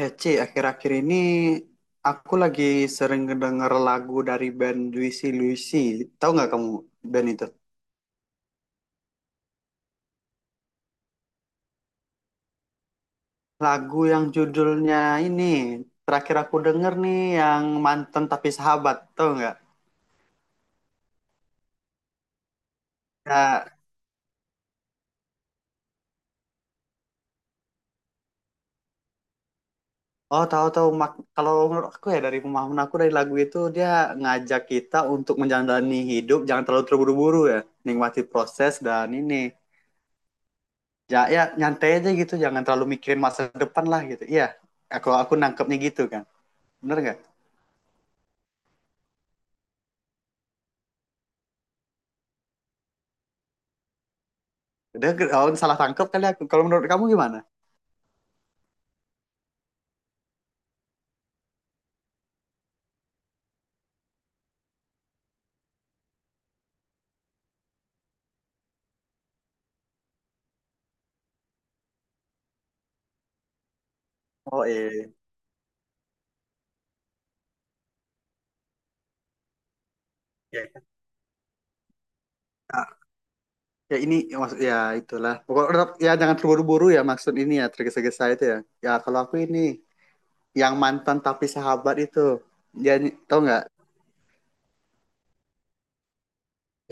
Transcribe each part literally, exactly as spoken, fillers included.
Eh, Ci, akhir-akhir ini aku lagi sering ngedenger lagu dari band Juicy Luicy. Tahu nggak kamu band itu? Lagu yang judulnya ini, terakhir aku denger nih yang mantan tapi sahabat, tahu nggak? Ya, oh, tahu tahu, mak- kalau menurut aku ya, dari pemahaman aku dari lagu itu, dia ngajak kita untuk menjalani hidup, jangan terlalu terburu-buru ya, nikmati proses dan ini. Ya, ya nyantai aja gitu, jangan terlalu mikirin masa depan lah gitu. Iya, aku aku nangkepnya gitu kan. Bener nggak? Dia ke- oh, salah tangkap kali aku. Kalau menurut kamu gimana? Oh, eh ya. Ya ini ya, maksud ya itulah. Pokoknya tetap- ya jangan terburu-buru ya, maksud ini ya tergesa-gesa itu ya. Ya kalau aku ini yang mantan tapi sahabat itu. Dia ny- tau nggak?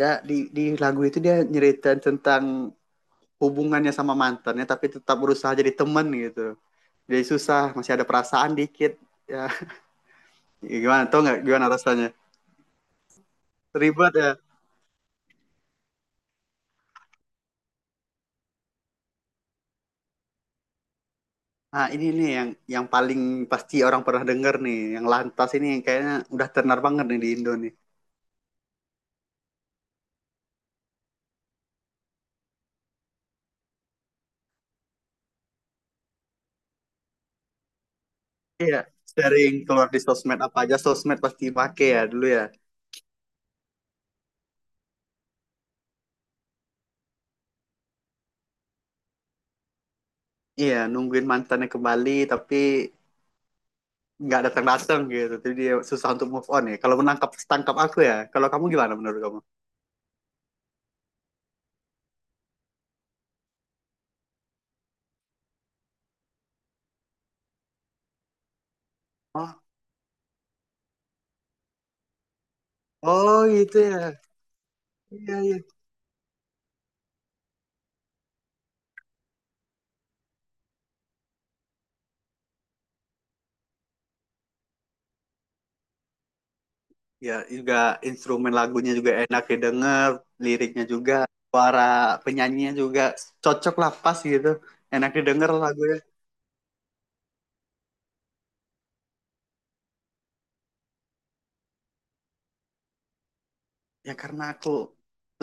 Ya di di lagu itu dia nyeritain tentang hubungannya sama mantannya tapi tetap berusaha jadi teman gitu. Jadi susah, masih ada perasaan dikit. Ya, gimana? Tau nggak gimana rasanya? Ribet ya. Nah, ini nih yang yang paling pasti orang pernah dengar nih, yang lantas ini yang kayaknya udah tenar banget nih di Indo nih. Iya, sering keluar di sosmed, apa aja sosmed pasti pakai ya dulu ya. Iya, nungguin mantannya ke Bali tapi nggak datang-datang gitu. Jadi dia susah untuk move on ya. Kalau menangkap tangkap aku ya. Kalau kamu gimana menurut kamu? Oh, oh gitu ya. Iya, iya. Ya, juga instrumen lagunya juga enak didengar, liriknya juga, suara penyanyinya juga cocok lah pas gitu. Enak didengar lagunya. Ya karena aku,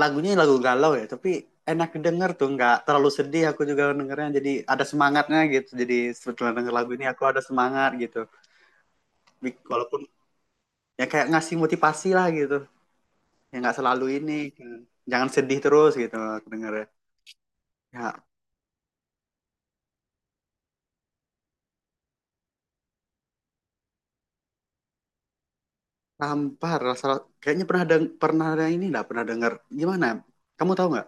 lagunya lagu galau ya tapi enak denger tuh, nggak terlalu sedih aku juga dengernya, jadi ada semangatnya gitu. Jadi setelah denger lagu ini aku ada semangat gitu. Bi- walaupun ya kayak ngasih motivasi lah gitu, ya nggak selalu ini jangan sedih terus gitu aku dengernya ya. Tampar rasa, kayaknya pernah deng pernah ada ini, nggak pernah denger. Gimana? Kamu tahu nggak?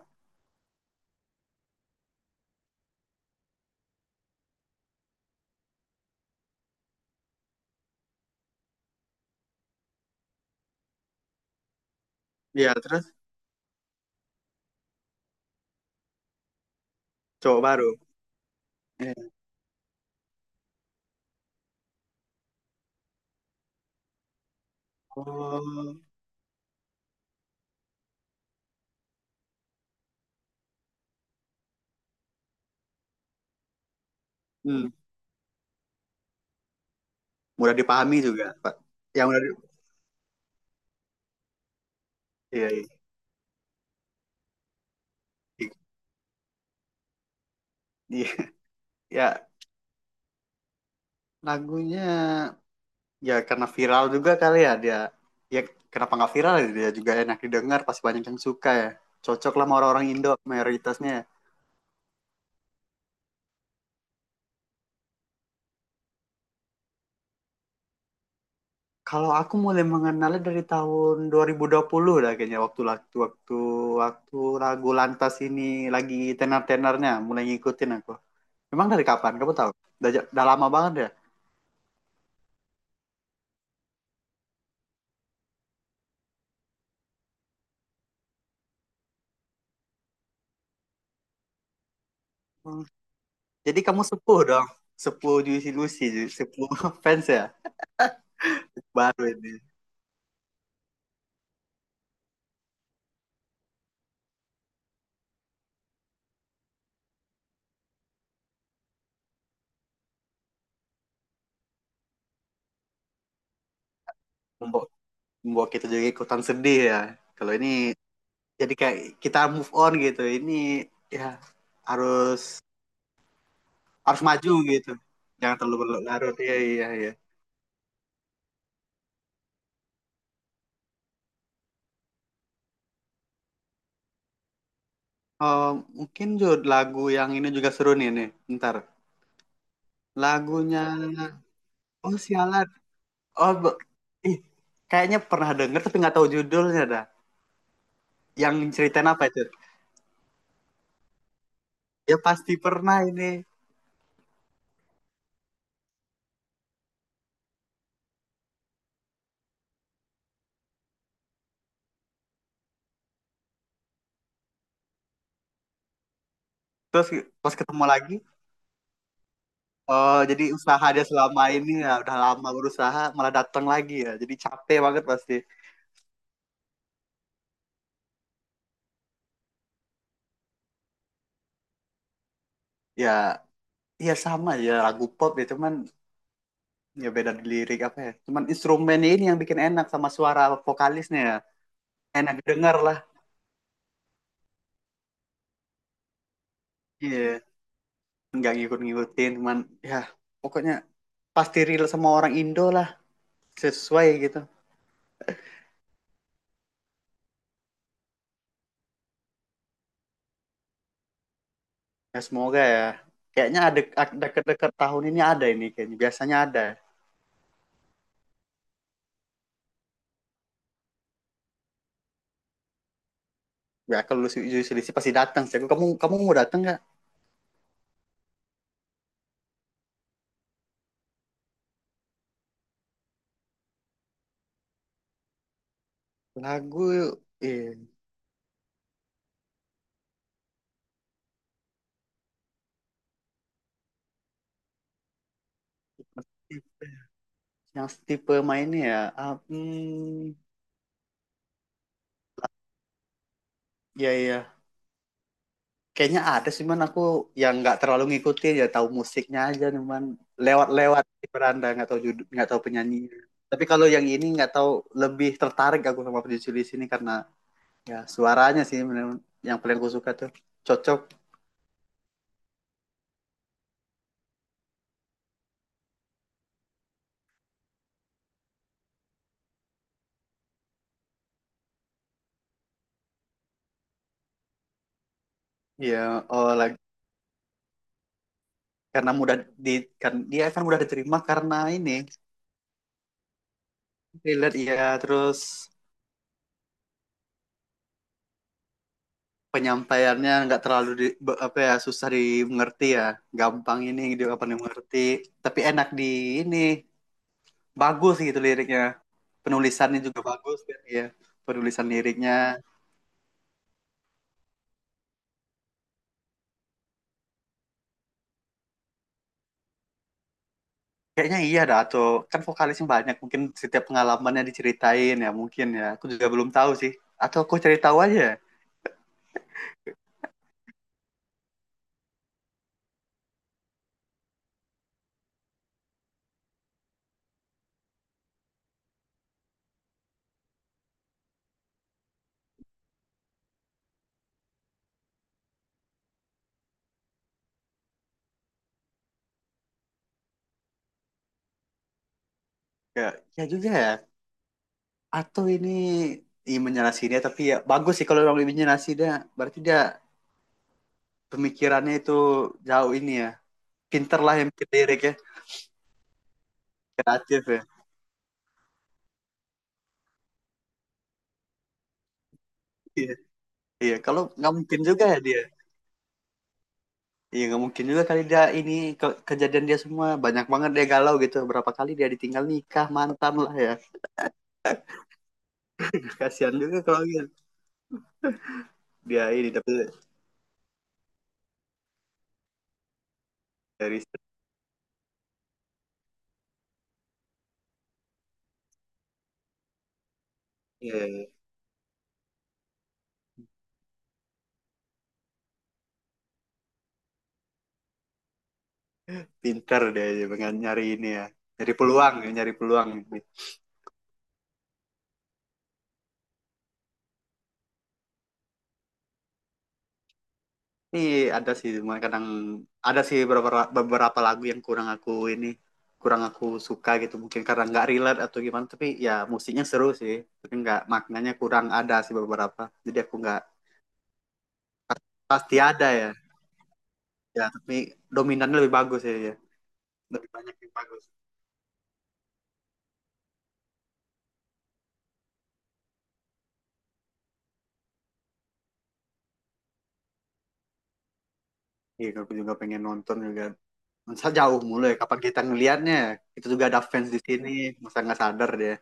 Ya terus cowok baru. Iya. Oh, hmm. Mudah dipahami juga, Pak. Yang mudah di- iya, iya. Iya. Ya. Lagunya, ya karena viral juga kali ya dia. Ya kenapa nggak viral ya? Dia juga enak didengar, pasti banyak yang suka ya. Cocok lah sama orang-orang Indo mayoritasnya, ya. Kalau aku mulai mengenalnya dari tahun dua ribu dua puluh lah kayaknya, waktu waktu waktu waktu lagu Lantas ini lagi tenar-tenarnya mulai ngikutin aku. Memang dari kapan? Kamu tahu? Udah, ja-, udah lama banget ya. Hmm. Jadi kamu sepuh dong. Sepuh Juicy Lucy, Ju- sepuh fans ya. Baru ini. Membuat kita juga ikutan sedih ya. Kalau ini jadi kayak kita move on gitu. Ini ya harus harus maju gitu. Jangan terlalu berlarut. Iya iya iya. Oh, mungkin Jod, lagu yang ini juga seru nih nih. Ntar lagunya, oh sialan. Oh be- ih, kayaknya pernah denger tapi nggak tahu judulnya dah. Yang ceritain apa itu? Ya pasti pernah ini. Terus pas ketemu lagi. Oh, jadi usaha dia selama ini, ya udah lama berusaha malah datang lagi ya. Jadi capek banget pasti. Ya, iya sama ya, lagu pop ya cuman ya beda di lirik apa ya. Cuman instrumennya ini yang bikin enak, sama suara vokalisnya ya. Enak didengar lah. Iya, nggak ngikut-ngikutin, cuman ya pokoknya pasti real sama orang Indo lah, sesuai gitu. Ya semoga ya. Kayaknya ada ada- deket-deket tahun ini ada ini kayaknya. Biasanya ada. Ya kalau lu selisih pasti datang sih. Kamu kamu mau datang nggak? Lagu eh, yang tipe mainnya ya. ah, hmm, ya ya. Kayaknya ada sih, man, aku yang nggak terlalu ngikutin ya, tahu musiknya aja nih, man. Lewat-lewat di beranda, nggak tahu judul, nggak tahu penyanyinya. Tapi kalau yang ini nggak tahu, lebih tertarik aku sama penyanyi di sini karena ya suaranya sih bener, yang paling aku suka tuh cocok. Ya, oh lagi karena mudah di, kan dia kan mudah diterima karena ini relate ya. Terus penyampaiannya nggak terlalu di, apa ya, susah dimengerti ya, gampang ini dia apa dimengerti, tapi enak di ini, bagus gitu liriknya, penulisannya juga bagus kan ya, penulisan liriknya. Kayaknya iya dah, atau kan vokalisnya banyak, mungkin setiap pengalamannya diceritain ya, mungkin ya aku juga belum tahu sih, atau aku cari tahu aja ya. Ya ya juga ya, atau ini imannya nasinya, tapi ya bagus sih kalau orang imannya nasinya, berarti dia pemikirannya itu jauh ini ya, pinter lah yang bikin lirik ya, kreatif ya. Iya iya, kalau nggak mungkin juga ya dia, iya nggak mungkin juga kali dia ini ke- kejadian dia semua, banyak banget dia galau gitu, berapa kali dia ditinggal nikah mantan lah ya. Kasihan juga kalau dia. Dia ini tapi dari, iya, iya. Pinter dia ya, pengen nyari ini ya, nyari peluang ya, nyari peluang. Nih ada sih, cuma kadang ada sih beberapa beberapa lagu yang kurang aku ini, kurang aku suka gitu. Mungkin karena nggak relate atau gimana, tapi ya musiknya seru sih. Tapi nggak maknanya kurang ada sih beberapa. Jadi aku nggak pasti ada ya. Ya, tapi dominannya lebih bagus sih ya. Lebih banyak yang bagus. Iya, aku juga pengen nonton juga. Masa jauh mulu ya, kapan kita ngelihatnya, ya? Kita juga ada fans di sini, masa nggak sadar dia.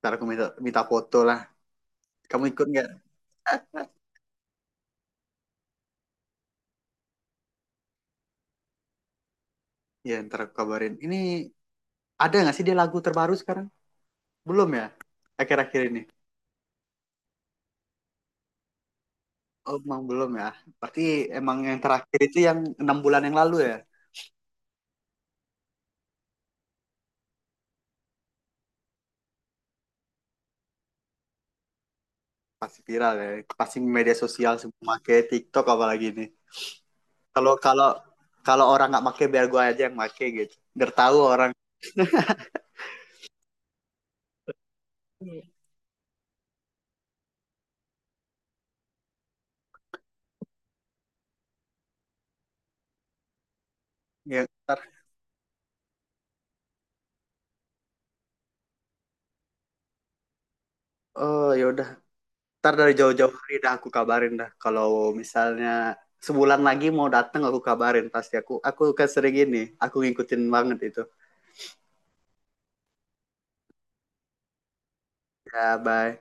Ntar aku minta minta foto lah. Kamu ikut nggak? Ya, ntar aku kabarin. Ini ada nggak sih dia lagu terbaru sekarang? Belum ya? Akhir-akhir ini. Oh, emang belum ya. Berarti emang yang terakhir itu yang enam bulan yang lalu ya. Pasti viral ya. Pasti media sosial semua pakai TikTok apalagi ini. Kalau kalau kalau orang nggak pakai, biar gua aja yang pakai gitu. Biar tahu orang, ya ntar. Oh ya udah. Ntar dari jauh-jauh hari dah aku kabarin dah. Kalau misalnya sebulan lagi mau datang aku kabarin pasti, aku aku kan sering ini. Aku ngikutin banget itu. Ya, bye.